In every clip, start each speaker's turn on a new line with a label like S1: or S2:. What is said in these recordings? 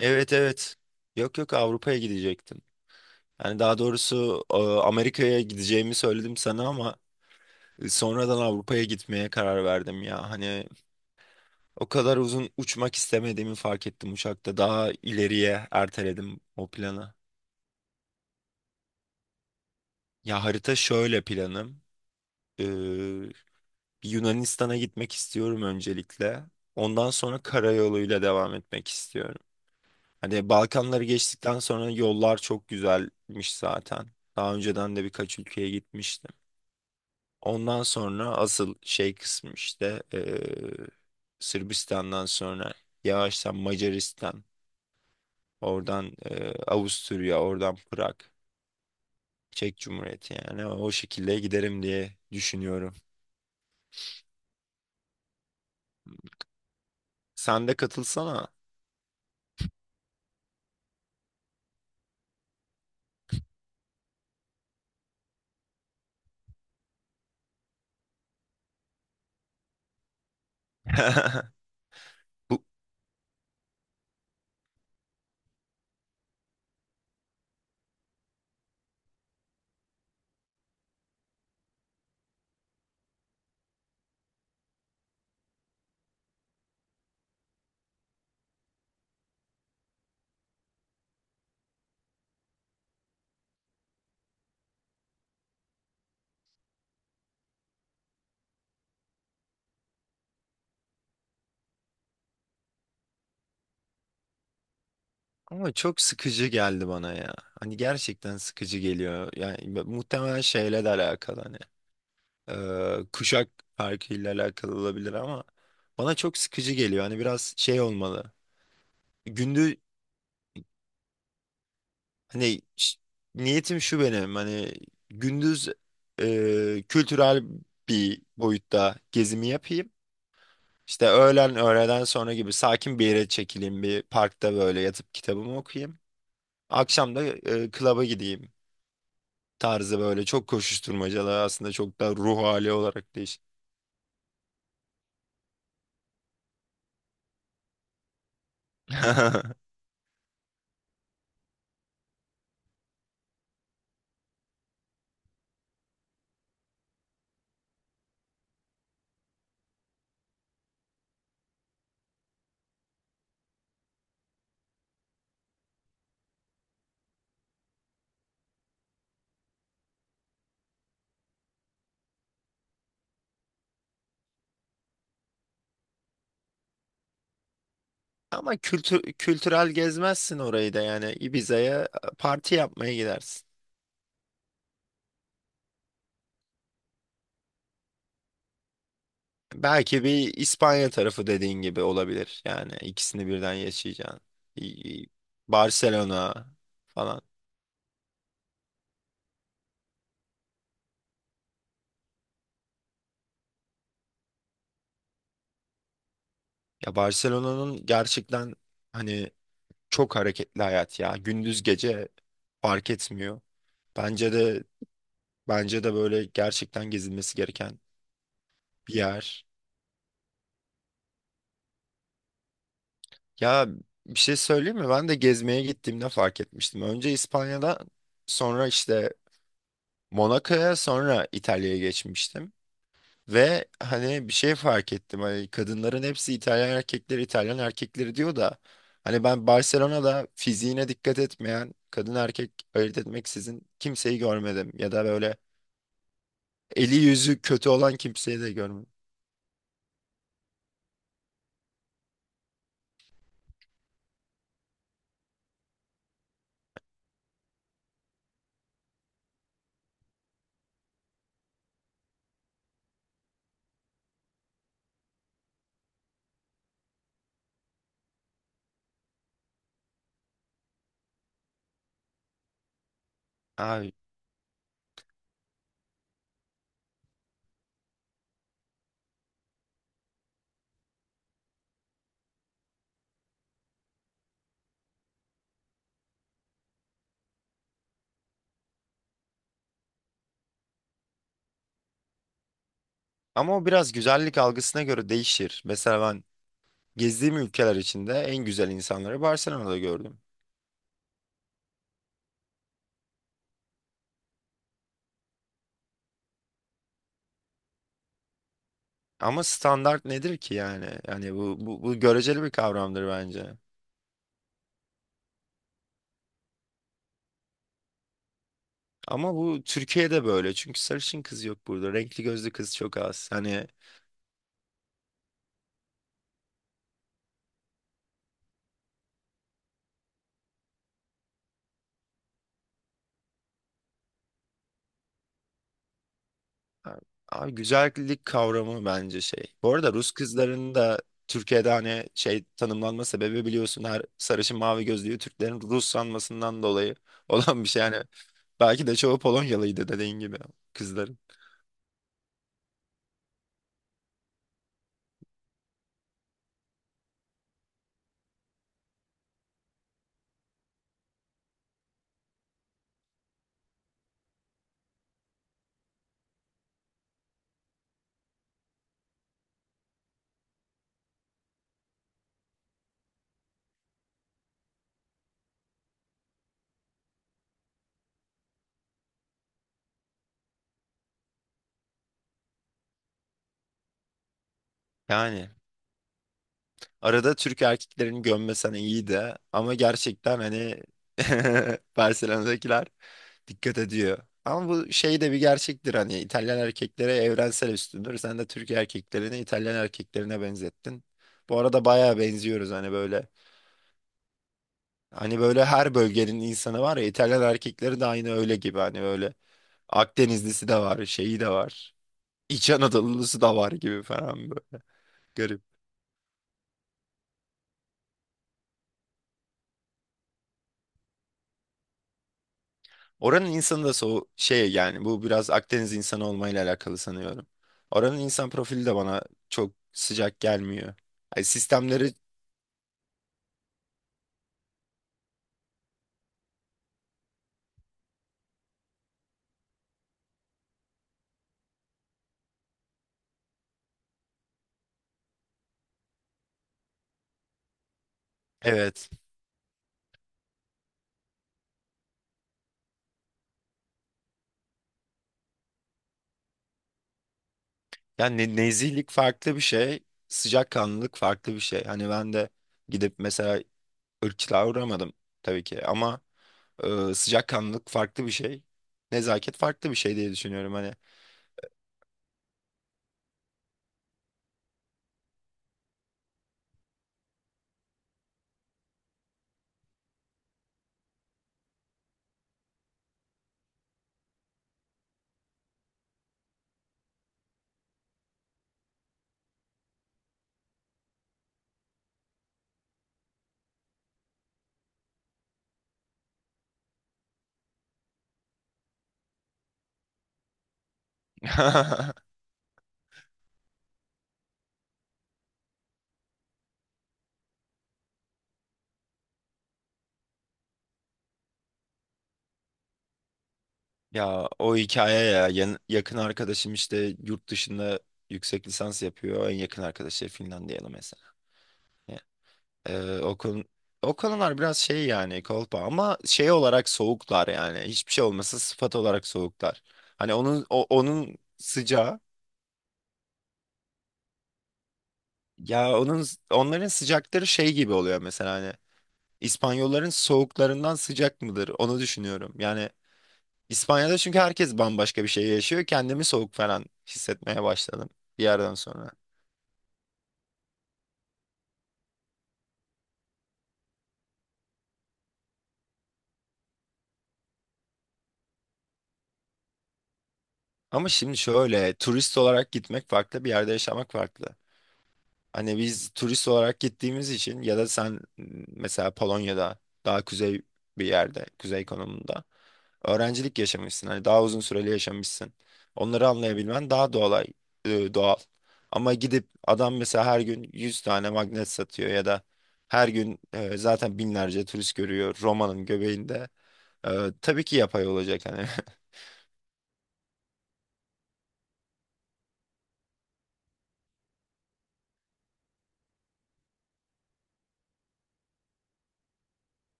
S1: Evet, evet. Yok, yok, Avrupa'ya gidecektim. Yani daha doğrusu Amerika'ya gideceğimi söyledim sana ama sonradan Avrupa'ya gitmeye karar verdim ya. Hani o kadar uzun uçmak istemediğimi fark ettim uçakta. Daha ileriye erteledim o planı. Ya harita şöyle planım. E, Yunanistan'a gitmek istiyorum öncelikle. Ondan sonra karayoluyla devam etmek istiyorum. Hani Balkanları geçtikten sonra yollar çok güzelmiş zaten. Daha önceden de birkaç ülkeye gitmiştim. Ondan sonra asıl şey kısmı işte Sırbistan'dan sonra yavaştan Macaristan, oradan Avusturya, oradan Prag, Çek Cumhuriyeti yani o şekilde giderim diye düşünüyorum. Sen de katılsana. Bu ama çok sıkıcı geldi bana ya. Hani gerçekten sıkıcı geliyor. Yani muhtemelen şeyle de alakalı hani. e, Kuşak farkıyla alakalı olabilir ama bana çok sıkıcı geliyor. Hani biraz şey olmalı. Gündüz hani niyetim şu benim hani gündüz kültürel bir boyutta gezimi yapayım. İşte öğlen öğleden sonra gibi sakin bir yere çekileyim bir parkta böyle yatıp kitabımı okuyayım. Akşam da klaba gideyim tarzı böyle çok koşuşturmacalı aslında çok da ruh hali olarak değişik. Ama kültür, kültürel gezmezsin orayı da yani Ibiza'ya parti yapmaya gidersin. Belki bir İspanya tarafı dediğin gibi olabilir. Yani ikisini birden yaşayacaksın. İ- Barcelona falan. Ya Barcelona'nın gerçekten hani çok hareketli hayat ya. Gündüz gece fark etmiyor. Bence de bence de böyle gerçekten gezilmesi gereken bir yer. Ya bir şey söyleyeyim mi? Ben de gezmeye gittiğimde fark etmiştim. Önce İspanya'da, sonra işte Monaco'ya, sonra İtalya'ya geçmiştim. Ve hani bir şey fark ettim. Hani kadınların hepsi İtalyan erkekleri, İtalyan erkekleri diyor da hani ben Barcelona'da fiziğine dikkat etmeyen, kadın erkek ayırt etmeksizin kimseyi görmedim. Ya da böyle eli yüzü kötü olan kimseyi de görmedim. Abi ama o biraz güzellik algısına göre değişir. Mesela ben gezdiğim ülkeler içinde en güzel insanları Barcelona'da gördüm. Ama standart nedir ki yani? Yani bu göreceli bir kavramdır bence. Ama bu Türkiye'de böyle. Çünkü sarışın kız yok burada. Renkli gözlü kız çok az. Hani abi güzellik kavramı bence şey. Bu arada Rus kızların da Türkiye'de hani şey tanımlanma sebebi biliyorsun her sarışın mavi gözlüyü Türklerin Rus sanmasından dolayı olan bir şey. Yani belki de çoğu Polonyalıydı dediğin gibi kızların. Yani arada Türk erkeklerini gömmesen iyi de, ama gerçekten hani Barcelona'dakiler dikkat ediyor. Ama bu şey de bir gerçektir hani İtalyan erkeklere evrensel üstündür. Sen de Türk erkeklerini İtalyan erkeklerine benzettin. Bu arada bayağı benziyoruz hani böyle. Hani böyle her bölgenin insanı var ya İtalyan erkekleri de aynı öyle gibi hani böyle Akdenizlisi de var, şeyi de var. İç Anadolu'lusu da var gibi falan böyle. Garip. Oranın insanı da so şey yani bu biraz Akdeniz insanı olmayla alakalı sanıyorum. Oranın insan profili de bana çok sıcak gelmiyor. Yani sistemleri evet. Yani nezihlik farklı bir şey, sıcakkanlılık farklı bir şey. Hani ben de gidip mesela ırkçılığa uğramadım tabii ki ama sıcakkanlılık farklı bir şey. Nezaket farklı bir şey diye düşünüyorum hani. Ya o hikaye ya yakın arkadaşım işte yurt dışında yüksek lisans yapıyor. En yakın arkadaşı Finlandiyalı mesela. Ya, Ee, o konu, o konular biraz şey yani kolpa ama şey olarak soğuklar yani. Hiçbir şey olmasa sıfat olarak soğuklar. Hani onun sıcağı ya onların sıcakları şey gibi oluyor mesela hani İspanyolların soğuklarından sıcak mıdır onu düşünüyorum. Yani İspanya'da çünkü herkes bambaşka bir şey yaşıyor. Kendimi soğuk falan hissetmeye başladım bir yerden sonra. Ama şimdi şöyle turist olarak gitmek farklı, bir yerde yaşamak farklı. Hani biz turist olarak gittiğimiz için ya da sen mesela Polonya'da daha kuzey bir yerde, kuzey konumunda öğrencilik yaşamışsın. Hani daha uzun süreli yaşamışsın. Onları anlayabilmen daha doğal, doğal. Ama gidip adam mesela her gün 100 tane magnet satıyor ya da her gün zaten binlerce turist görüyor Roma'nın göbeğinde. E, tabii ki yapay olacak hani.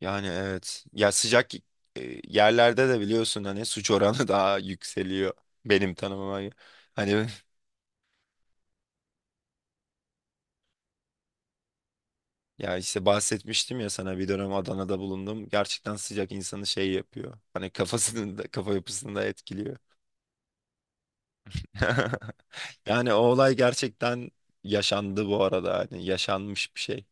S1: Yani evet. Ya sıcak yerlerde de biliyorsun hani suç oranı daha yükseliyor benim tanımıma. Hani ya işte bahsetmiştim ya sana bir dönem Adana'da bulundum. Gerçekten sıcak insanı şey yapıyor. Hani kafasını da, kafa yapısını da etkiliyor. Yani o olay gerçekten yaşandı bu arada. Hani yaşanmış bir şey.